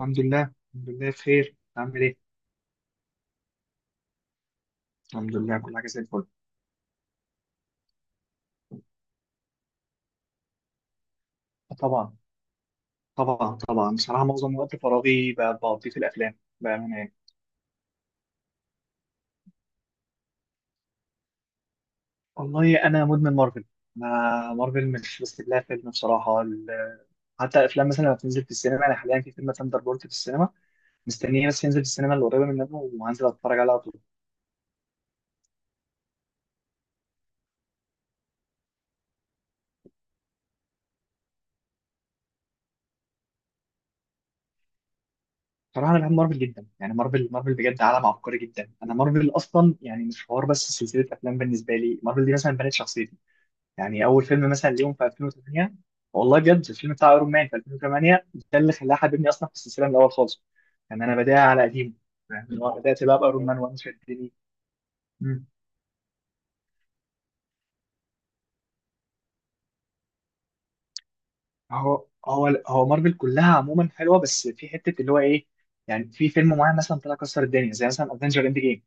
الحمد لله الحمد لله بخير. عامل ايه؟ الحمد لله كل حاجه زي الفل. طبعا طبعا طبعا. بصراحه معظم وقت فراغي بقضيه في الافلام بامانه يعني. والله انا مدمن مارفل. انا مارفل مش بس لها فيلم بصراحه حتى افلام مثلا لما بتنزل في السينما، انا حاليا في فيلم ثاندر بولت في السينما، مستنيه بس ينزل في السينما اللي قريبه منه، وهنزل اتفرج عليه على طول. بصراحه انا بحب مارفل جدا، يعني مارفل مارفل بجد عالم عبقري جدا. انا مارفل اصلا يعني مش حوار بس سلسله افلام، بالنسبه لي مارفل دي مثلا بنت شخصيتي. يعني اول فيلم مثلا ليهم في 2008. والله بجد الفيلم بتاع ايرون مان في 2008، ده اللي خلاه حببني اصلا في السلسله من الاول خالص. يعني انا بدايه على قديم، فاهم اللي هو بدات بقى بايرون مان وان شدني. مم. هو مارفل كلها عموما حلوه، بس في حته اللي هو ايه. يعني في فيلم معين مثلا طلع كسر الدنيا، زي مثلا افنجر اند جيم.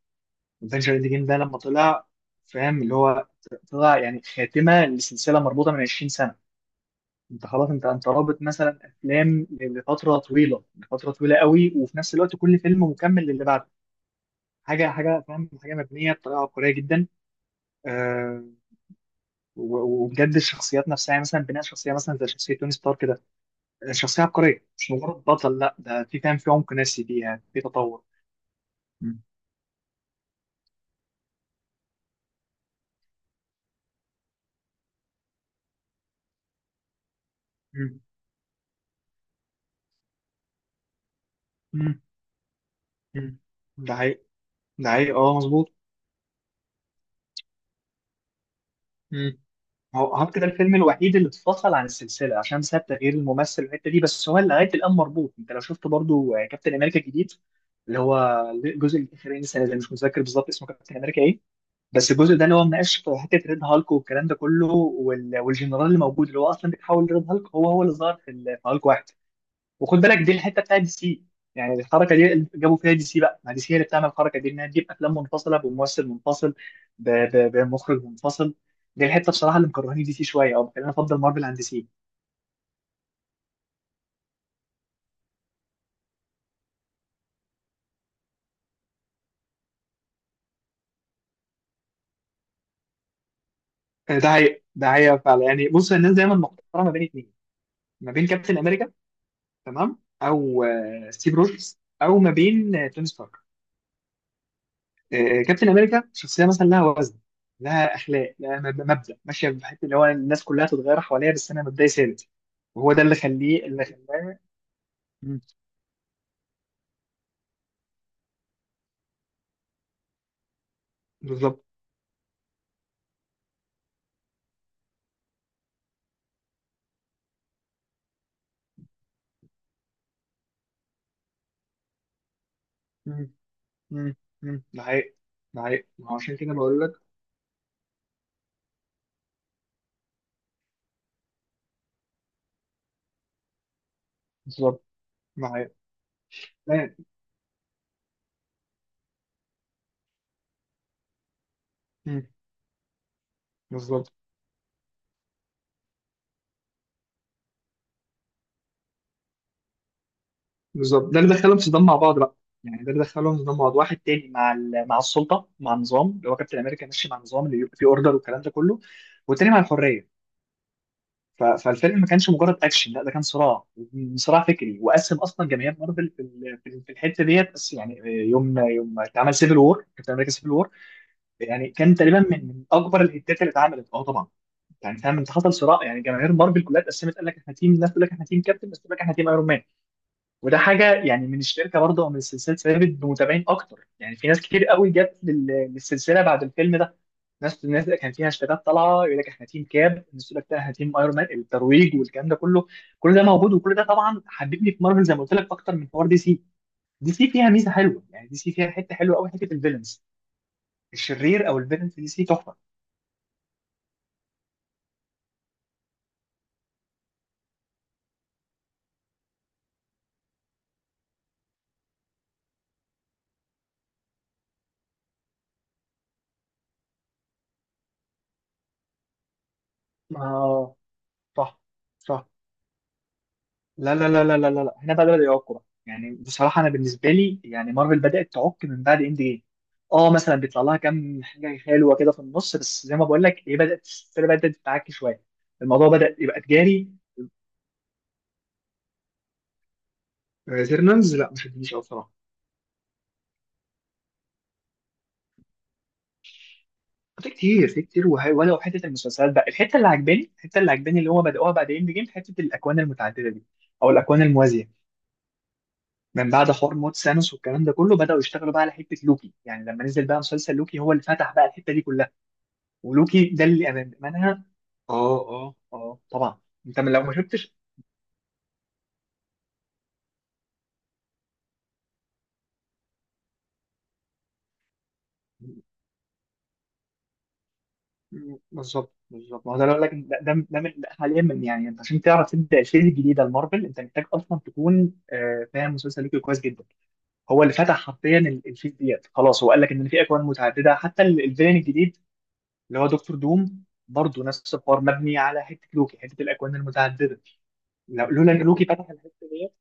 افنجر اند جيم ده لما طلع، فاهم اللي هو، طلع يعني خاتمه لسلسله مربوطه من 20 سنه. انت خلاص انت رابط مثلا افلام لفتره طويله لفتره طويله قوي، وفي نفس الوقت كل فيلم مكمل للي بعده. حاجه حاجه فاهم حاجه مبنيه بطريقه عبقريه جدا. آه وبجد الشخصيات نفسها يعني مثلا بناء شخصيه مثلا زي شخصيه توني ستارك كده. شخصيه عبقريه مش مجرد بطل، لا ده في فاهم في عمق نفسي فيها في تطور. مم. مم. مم. مم. ده حقيقي. ده حقيقي، اه مظبوط. هو هارت ده الفيلم الوحيد اللي اتفصل عن السلسله عشان ساب تغيير الممثل والحته دي، بس هو لغايه الان مربوط. انت لو شفت برضو كابتن امريكا الجديد اللي هو الجزء الاخراني السنه دي، مش متذكر بالظبط اسمه كابتن امريكا ايه. بس الجزء ده اللي هو مناقش في حته ريد هالك والكلام ده كله والجنرال اللي موجود اللي هو اصلا بيتحول لريد هالك، هو اللي ظهر في في هالك واحد. وخد بالك دي الحته بتاعت دي سي. يعني الحركه دي اللي جابوا فيها دي سي بقى، ما دي سي هي اللي بتعمل الحركه دي، انها تجيب افلام منفصله بممثل منفصل، بمخرج منفصل. دي الحته بصراحه اللي مكرهاني دي سي شويه او مخليني افضل مارفل عن دي سي. ده حقيقة ده حقيقة فعلا. يعني بص الناس دايما محتاره ما بين اتنين. ما بين كابتن امريكا، تمام، او ستيف روجرز، او ما بين توني ستارك. كابتن امريكا شخصيه مثلا لها وزن، لها اخلاق، لها مبدا، ماشيه بحته اللي هو الناس كلها تتغير حواليها بس انا مبدأي ثابت. وهو ده اللي اللي خلاه. مم. بالظبط. مم. مم. مم. ده حقيقي. ده حقيقي، ما هو عشان كده بقول لك. بالظبط. ده حقيقي. لا. مم. بالظبط بالظبط، ده اللي دخلهم صدام مع بعض بقى. يعني ده اللي دخلهم صدام مع بعض، واحد تاني مع مع السلطه، مع النظام اللي هو كابتن امريكا ماشي مع النظام اللي بيبقى فيه اوردر والكلام ده كله. والتاني مع الحريه. فالفيلم ما كانش مجرد اكشن، لا ده كان صراع. صراع فكري، وقسم اصلا جماهير مارفل في في الحته ديت. بس يعني يوم يوم اتعمل سيفل وور، كابتن امريكا سيفل وور، يعني كان تقريبا من اكبر الهتات اللي اتعملت. اه طبعا. يعني فاهم انت حصل صراع، يعني جماهير مارفل كلها اتقسمت. قال لك احنا تيم، ناس تقول لك احنا تيم كابتن، ناس تقول لك احنا تيم ايرون مان. وده حاجه يعني من الشركه برضه او من السلسله، ثابت بمتابعين اكتر، يعني في ناس كتير قوي جت للسلسله بعد الفيلم ده. الناس اللي كان فيها هاشتاجات طالعه يقول لك احنا تيم كاب، الناس تقول لك لا احنا تيم ايرون مان، الترويج والكلام ده كله. كل ده موجود وكل ده طبعا حببني في مارفل زي ما قلت لك، اكتر من حوار دي سي. دي سي فيها ميزه حلوه، يعني دي سي فيها حته حلوه قوي، حته الفيلنز. الشرير او الفيلن في دي سي تحفه. اه صح صح. لا لا لا لا لا لا لا. هنا بقى بدأوا يعكوا بقى. يعني بصراحه انا بالنسبه لي، يعني مارفل بدأت تعك من بعد اند جيم. اه مثلا بيطلع لها كام حاجه حلوه كده في النص، بس زي ما بقول لك، هي بدأت، السلسله بدأت تتعكي شويه. الموضوع بدأ يبقى تجاري. ايترنالز لا ما شدنيش قوي بصراحه. في كتير في كتير، وهي ولو حته المسلسلات بقى الحته اللي عجباني، الحته اللي عجباني اللي هو بدأوها بعد اند جيم، حته الاكوان المتعدده دي او الاكوان الموازيه. من بعد حوار موت سانوس والكلام ده كله، بدأوا يشتغلوا بقى على حته لوكي. يعني لما نزل بقى مسلسل لوكي، هو اللي فتح بقى الحته دي كلها. ولوكي ده اللي امانها. اه اه اه طبعا. انت من لو ما شفتش. بالظبط بالظبط، ما هو ده اللي أقول لك، ده حاليا من يعني، انت عشان تعرف تبدا الفيز الجديده المارفل انت محتاج اصلا تكون فاهم مسلسل لوكي كويس جدا. هو اللي فتح حرفيا الفيس ديت خلاص، هو قال لك ان في اكوان متعدده. حتى الفيلن الجديد اللي هو دكتور دوم برضه نفس الحوار مبني على حته لوكي، حته الاكوان المتعدده. لولا ان لوكي فتح الحته ديت.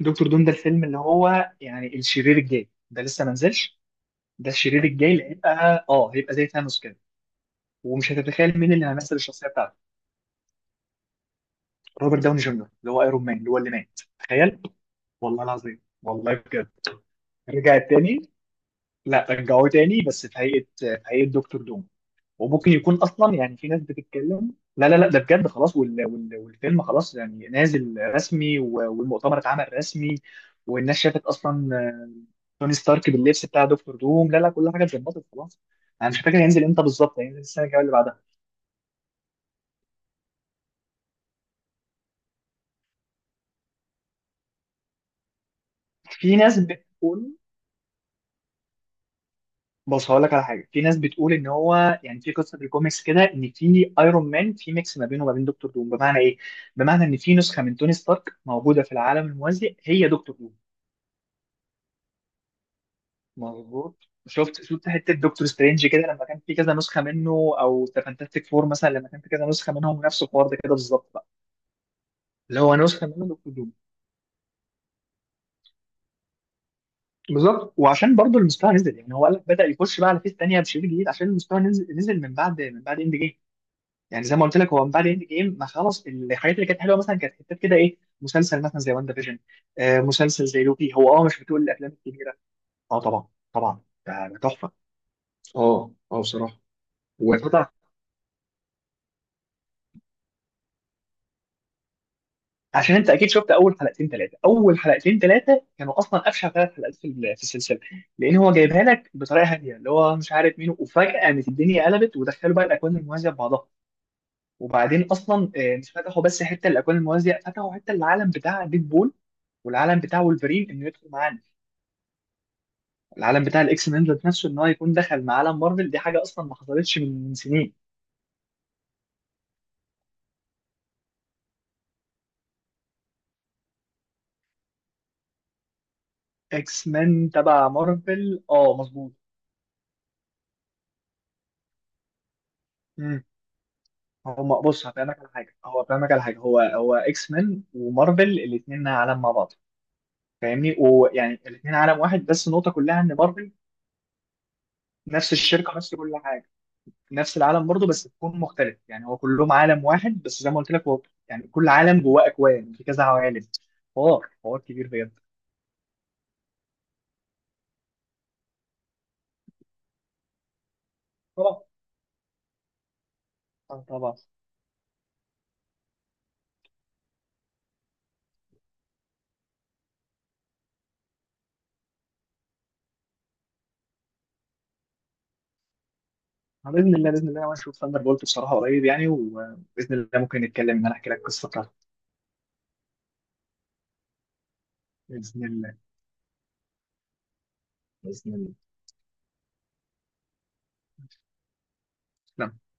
دكتور دوم ده الفيلم اللي هو يعني الشرير الجاي، ده لسه ما نزلش. ده الشرير الجاي اللي هيبقى، هيبقى زي ثانوس كده. ومش هتتخيل مين اللي هيمثل الشخصيه بتاعته. روبرت داوني جونيور اللي هو ايرون مان، اللي هو اللي مات، تخيل. والله العظيم، والله بجد. رجع تاني. لا رجعوه تاني، بس في هيئه في هيئه دكتور دوم. وممكن يكون اصلا، يعني في ناس بتتكلم، لا لا لا ده بجد خلاص، والفيلم خلاص يعني نازل رسمي والمؤتمر اتعمل رسمي. والناس شافت اصلا توني ستارك باللبس بتاع دكتور دوم، لا لا كل حاجه اتظبطت خلاص. انا مش فاكر هينزل امتى بالظبط، هينزل السنه الجايه اللي بعدها. في ناس بتقول. بص هقول لك على حاجه، في ناس بتقول ان هو يعني في قصه في الكوميكس كده ان في ايرون مان، في ميكس ما بينه وما بين دكتور دوم. بمعنى ايه؟ بمعنى ان في نسخه من توني ستارك موجوده في العالم الموازي، هي دكتور دوم. مظبوط، شفت حته دكتور سترينج كده لما كان في كذا نسخه منه. او ذا فانتاستيك فور مثلا لما كان في كذا نسخه منهم، نفس الحوار ده كده بالظبط بقى. اللي هو نسخه منه دكتور دوم. بالظبط، وعشان برضه المستوى نزل. يعني هو قال لك، بدا يخش بقى على فيس تانيه بشريط جديد عشان المستوى نزل نزل، من بعد اند جيم. يعني زي ما قلت لك هو من بعد اند جيم، ما خلاص الحاجات اللي كانت حلوه مثلا كانت حتات كده، ايه مسلسل مثلا زي واندا فيجن، مسلسل زي لوكي. هو مش بتقول الافلام الكبيره. اه طبعا. طبعا. ده تحفه. اه بصراحه. وفترة. عشان انت اكيد شفت اول حلقتين ثلاثه، اول حلقتين ثلاثه كانوا اصلا افشل ثلاث حلقات في في السلسله. لان هو جايبها لك بطريقه هاديه اللي هو مش عارف مين، وفجاه قامت الدنيا قلبت، ودخلوا بقى الاكوان الموازيه ببعضها. وبعدين اصلا مش فتحوا بس حته الاكوان الموازيه، فتحوا حته العالم بتاع ديدبول والعالم بتاع وولفرين انه يدخل معانا. العالم بتاع الاكس مان ذات نفسه ان هو يكون دخل مع عالم مارفل، دي حاجه اصلا ما حصلتش من سنين. اكس مان تبع مارفل، اه مظبوط. هو بص هفهمك على حاجه، هو فاهمك على حاجه، هو اكس مان ومارفل الاثنين عالم مع بعض، فاهمني؟ ويعني الاثنين عالم واحد بس النقطه كلها ان مارفل، نفس الشركه نفس كل حاجه. نفس العالم برضه بس تكون مختلف، يعني هو كلهم عالم واحد، بس زي ما قلت لك هو يعني كل عالم جواه اكوان، في كذا عوالم. حوار حوار كبير بجد. طبعا. طبعا. باذن الله، باذن الله انا اشوف ثاندر بولت بصراحه قريب يعني، وباذن الله ممكن نتكلم ان انا احكي لك القصه بتاعته. باذن الله. باذن الله.